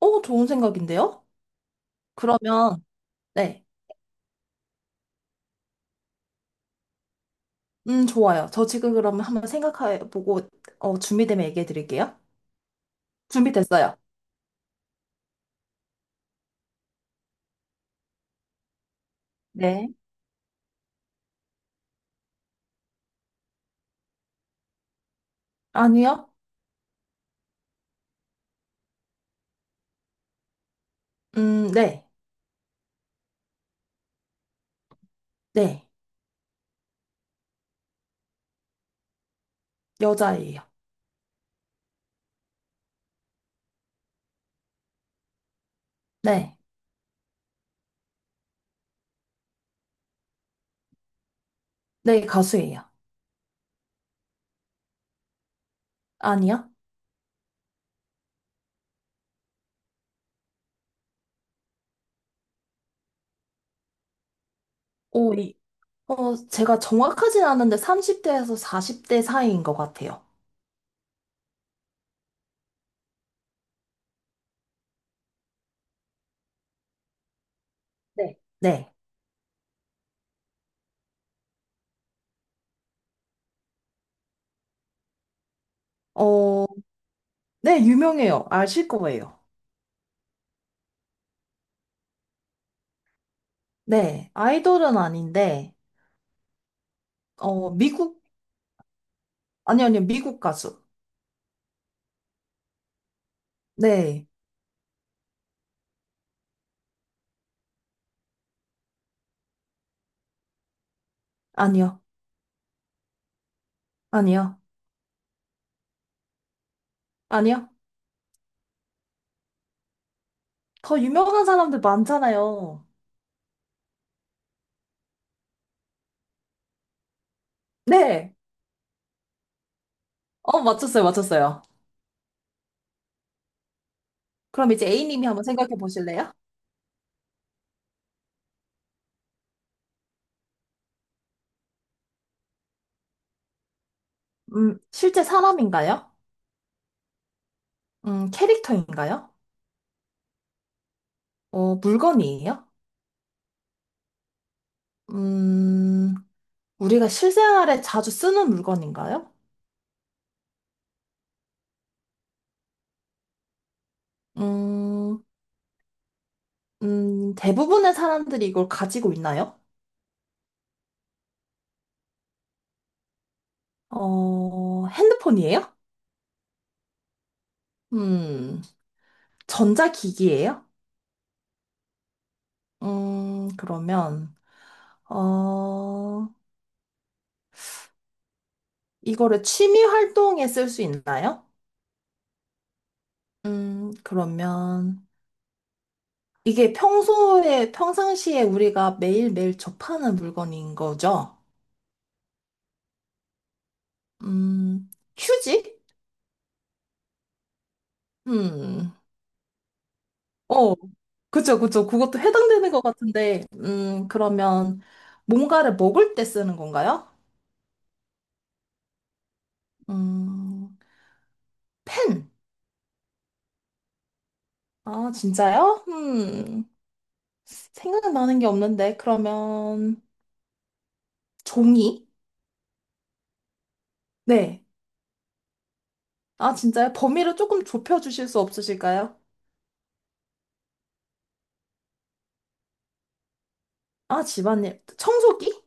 좋은 생각인데요? 그러면, 네. 좋아요. 저 지금 그러면 한번 생각해보고, 준비되면 얘기해드릴게요. 준비됐어요. 네. 아니요? 네. 네. 여자예요. 네. 네, 가수예요. 아니요? 오, 이, 제가 정확하진 않은데 30대에서 40대 사이인 것 같아요. 네. 네. 어, 네, 유명해요. 아실 거예요. 네. 아이돌은 아닌데, 어, 미국, 아니요, 아니요, 미국 가수. 네. 아니요. 아니요. 아니요. 더 유명한 사람들 많잖아요. 네. 맞췄어요. 맞췄어요. 그럼 이제 A님이 한번 생각해 보실래요? 실제 사람인가요? 캐릭터인가요? 물건이에요? 음, 우리가 실생활에 자주 쓰는 물건인가요? 음, 대부분의 사람들이 이걸 가지고 있나요? 핸드폰이에요? 음, 전자기기예요? 그러면, 어, 이거를 취미 활동에 쓸 수 있나요? 그러면 이게 평소에, 평상시에 우리가 매일매일 접하는 물건인 거죠? 음, 휴지? 음, 어, 그쵸, 그쵸. 그것도 해당되는 것 같은데, 그러면 뭔가를 먹을 때 쓰는 건가요? 음, 펜. 아, 진짜요? 생각나는 게 없는데, 그러면 종이? 네. 아, 진짜요? 범위를 조금 좁혀주실 수 없으실까요? 아, 집안일. 청소기?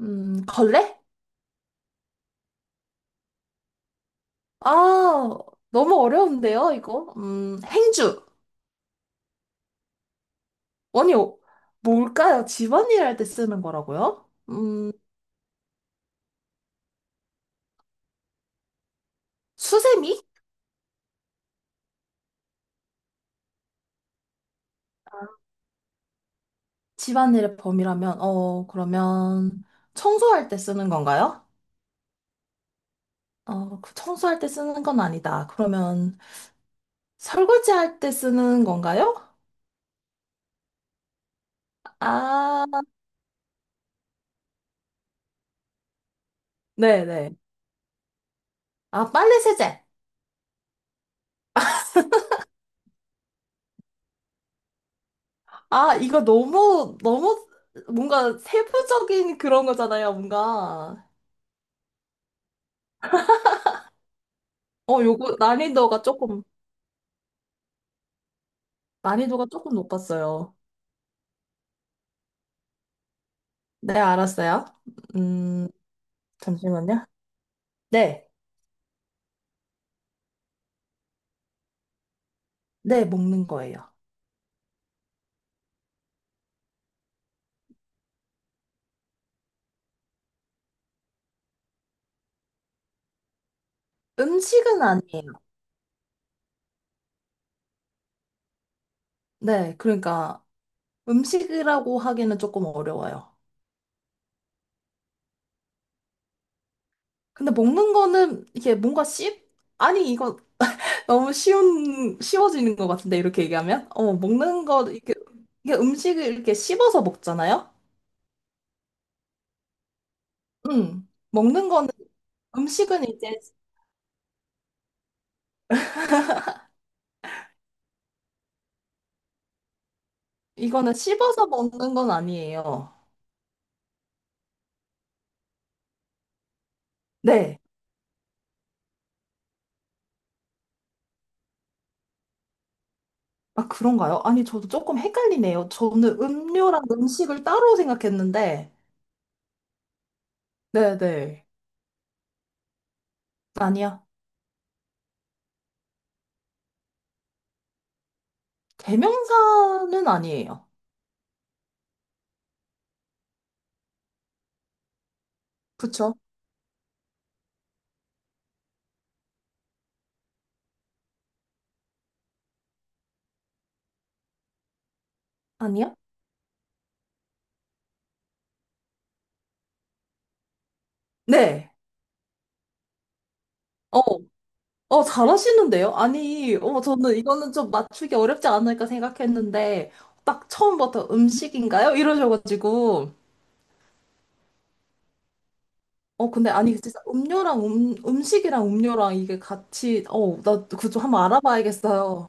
걸레? 아, 너무 어려운데요, 이거? 행주. 아니, 뭘까요? 집안일 할 때 쓰는 거라고요? 수세미? 집안일의 범위라면, 그러면 청소할 때 쓰는 건가요? 그 청소할 때 쓰는 건 아니다. 그러면 설거지할 때 쓰는 건가요? 아, 네네. 아, 빨래 세제. 아, 이거 너무, 너무 뭔가 세부적인 그런 거잖아요, 뭔가. 요거 난이도가 조금 높았어요. 네, 알았어요. 음, 잠시만요. 네, 네, 먹는 거예요. 음식은 아니에요. 네, 그러니까 음식이라고 하기는 조금 어려워요. 근데 먹는 거는 이게 뭔가 씹? 아니, 이거 너무 쉬워지는 것 같은데, 이렇게 얘기하면? 이게 음식을 이렇게 씹어서 먹잖아요? 먹는 거는 음식은 이제 이거는 씹어서 먹는 건 아니에요. 네. 아, 그런가요? 아니, 저도 조금 헷갈리네요. 저는 음료랑 음식을 따로 생각했는데. 네네. 아니야. 대명사는 아니에요. 그쵸? 아니야? 네. 어, 잘하시는데요? 아니, 저는 이거는 좀 맞추기 어렵지 않을까 생각했는데, 딱 처음부터 음식인가요? 이러셔가지고. 근데 아니, 진짜 음료랑 음식이랑 음료랑 이게 같이, 나 그거 좀 한번 알아봐야겠어요.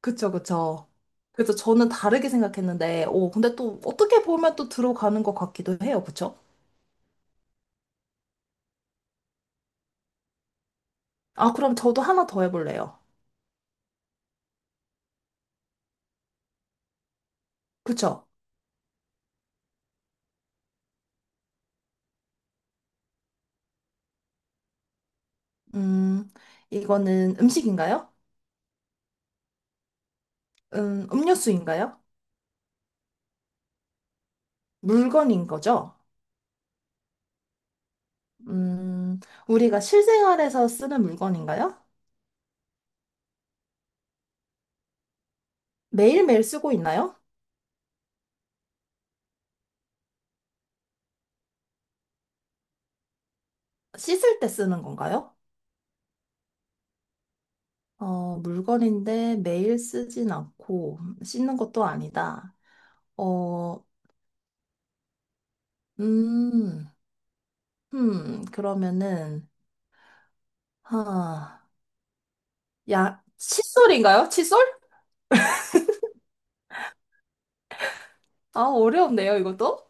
그쵸, 그쵸. 그래서 저는 다르게 생각했는데, 근데 또 어떻게 보면 또 들어가는 것 같기도 해요. 그쵸? 아, 그럼 저도 하나 더 해볼래요. 그쵸? 음, 이거는 음식인가요? 음료수인가요? 물건인 거죠? 음, 우리가 실생활에서 쓰는 물건인가요? 매일매일 쓰고 있나요? 씻을 때 쓰는 건가요? 물건인데 매일 쓰진 않고 씻는 것도 아니다. 어, 음, 그러면은, 하, 야, 칫솔인가요? 칫솔? 아, 어려운데요, 이것도?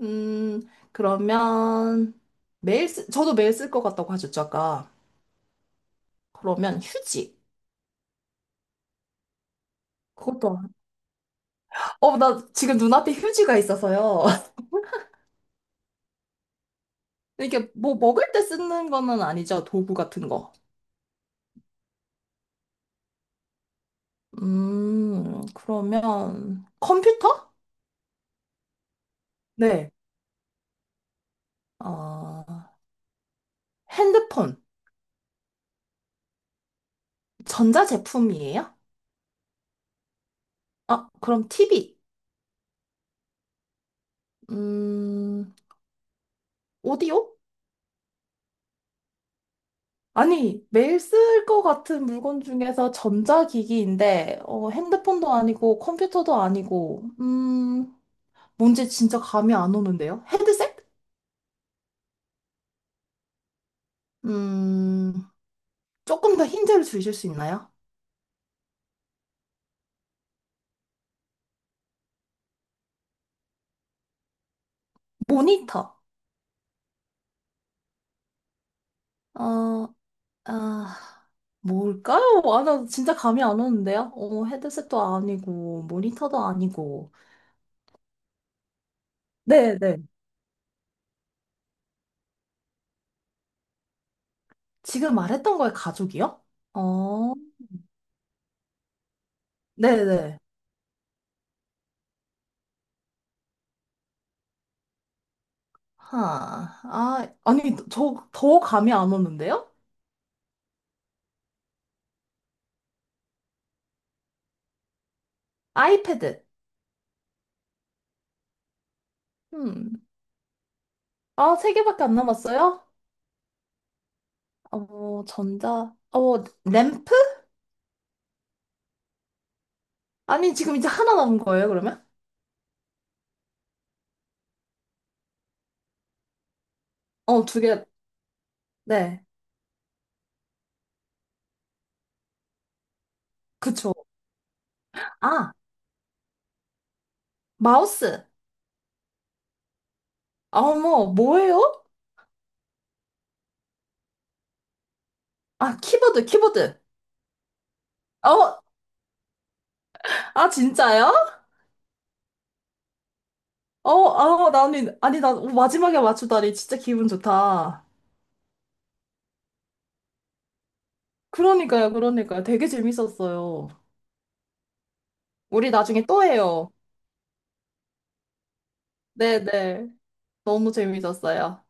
음, 그러면 저도 매일 쓸 것 같다고 하셨죠, 아까. 그러면 휴지. 그것도. 나 지금 눈앞에 휴지가 있어서요. 이게 뭐 먹을 때 쓰는 거는 아니죠, 도구 같은 거. 그러면 컴퓨터? 네. 어, 핸드폰, 전자제품이에요? 아, 그럼 TV, 음, 오디오? 아니, 매일 쓸 것 같은 물건 중에서 전자기기인데, 핸드폰도 아니고, 컴퓨터도 아니고, 뭔지 진짜 감이 안 오는데요? 헤드셋? 음, 조금 더 힌트를 주실 수 있나요? 모니터. 어, 아, 뭘까요? 아, 나 진짜 감이 안 오는데요? 헤드셋도 아니고, 모니터도 아니고. 네네. 지금 말했던 거에 가족이요? 어, 네네. 하, 아, 아니, 저 더 감이 안 오는데요? 아이패드. 음. 아, 세 개밖에 안 남았어요? 어, 전자. 램프? 아니, 지금 이제 하나 남은 거예요, 그러면? 두 개. 네. 그쵸. 아, 마우스. 아, 어머, 뭐예요? 아, 키보드, 키보드. 어, 아, 진짜요? 아, 나는, 아니, 나 마지막에 맞추다니 진짜 기분 좋다. 그러니까요, 그러니까요. 되게 재밌었어요. 우리 나중에 또 해요. 네네. 너무 재밌었어요.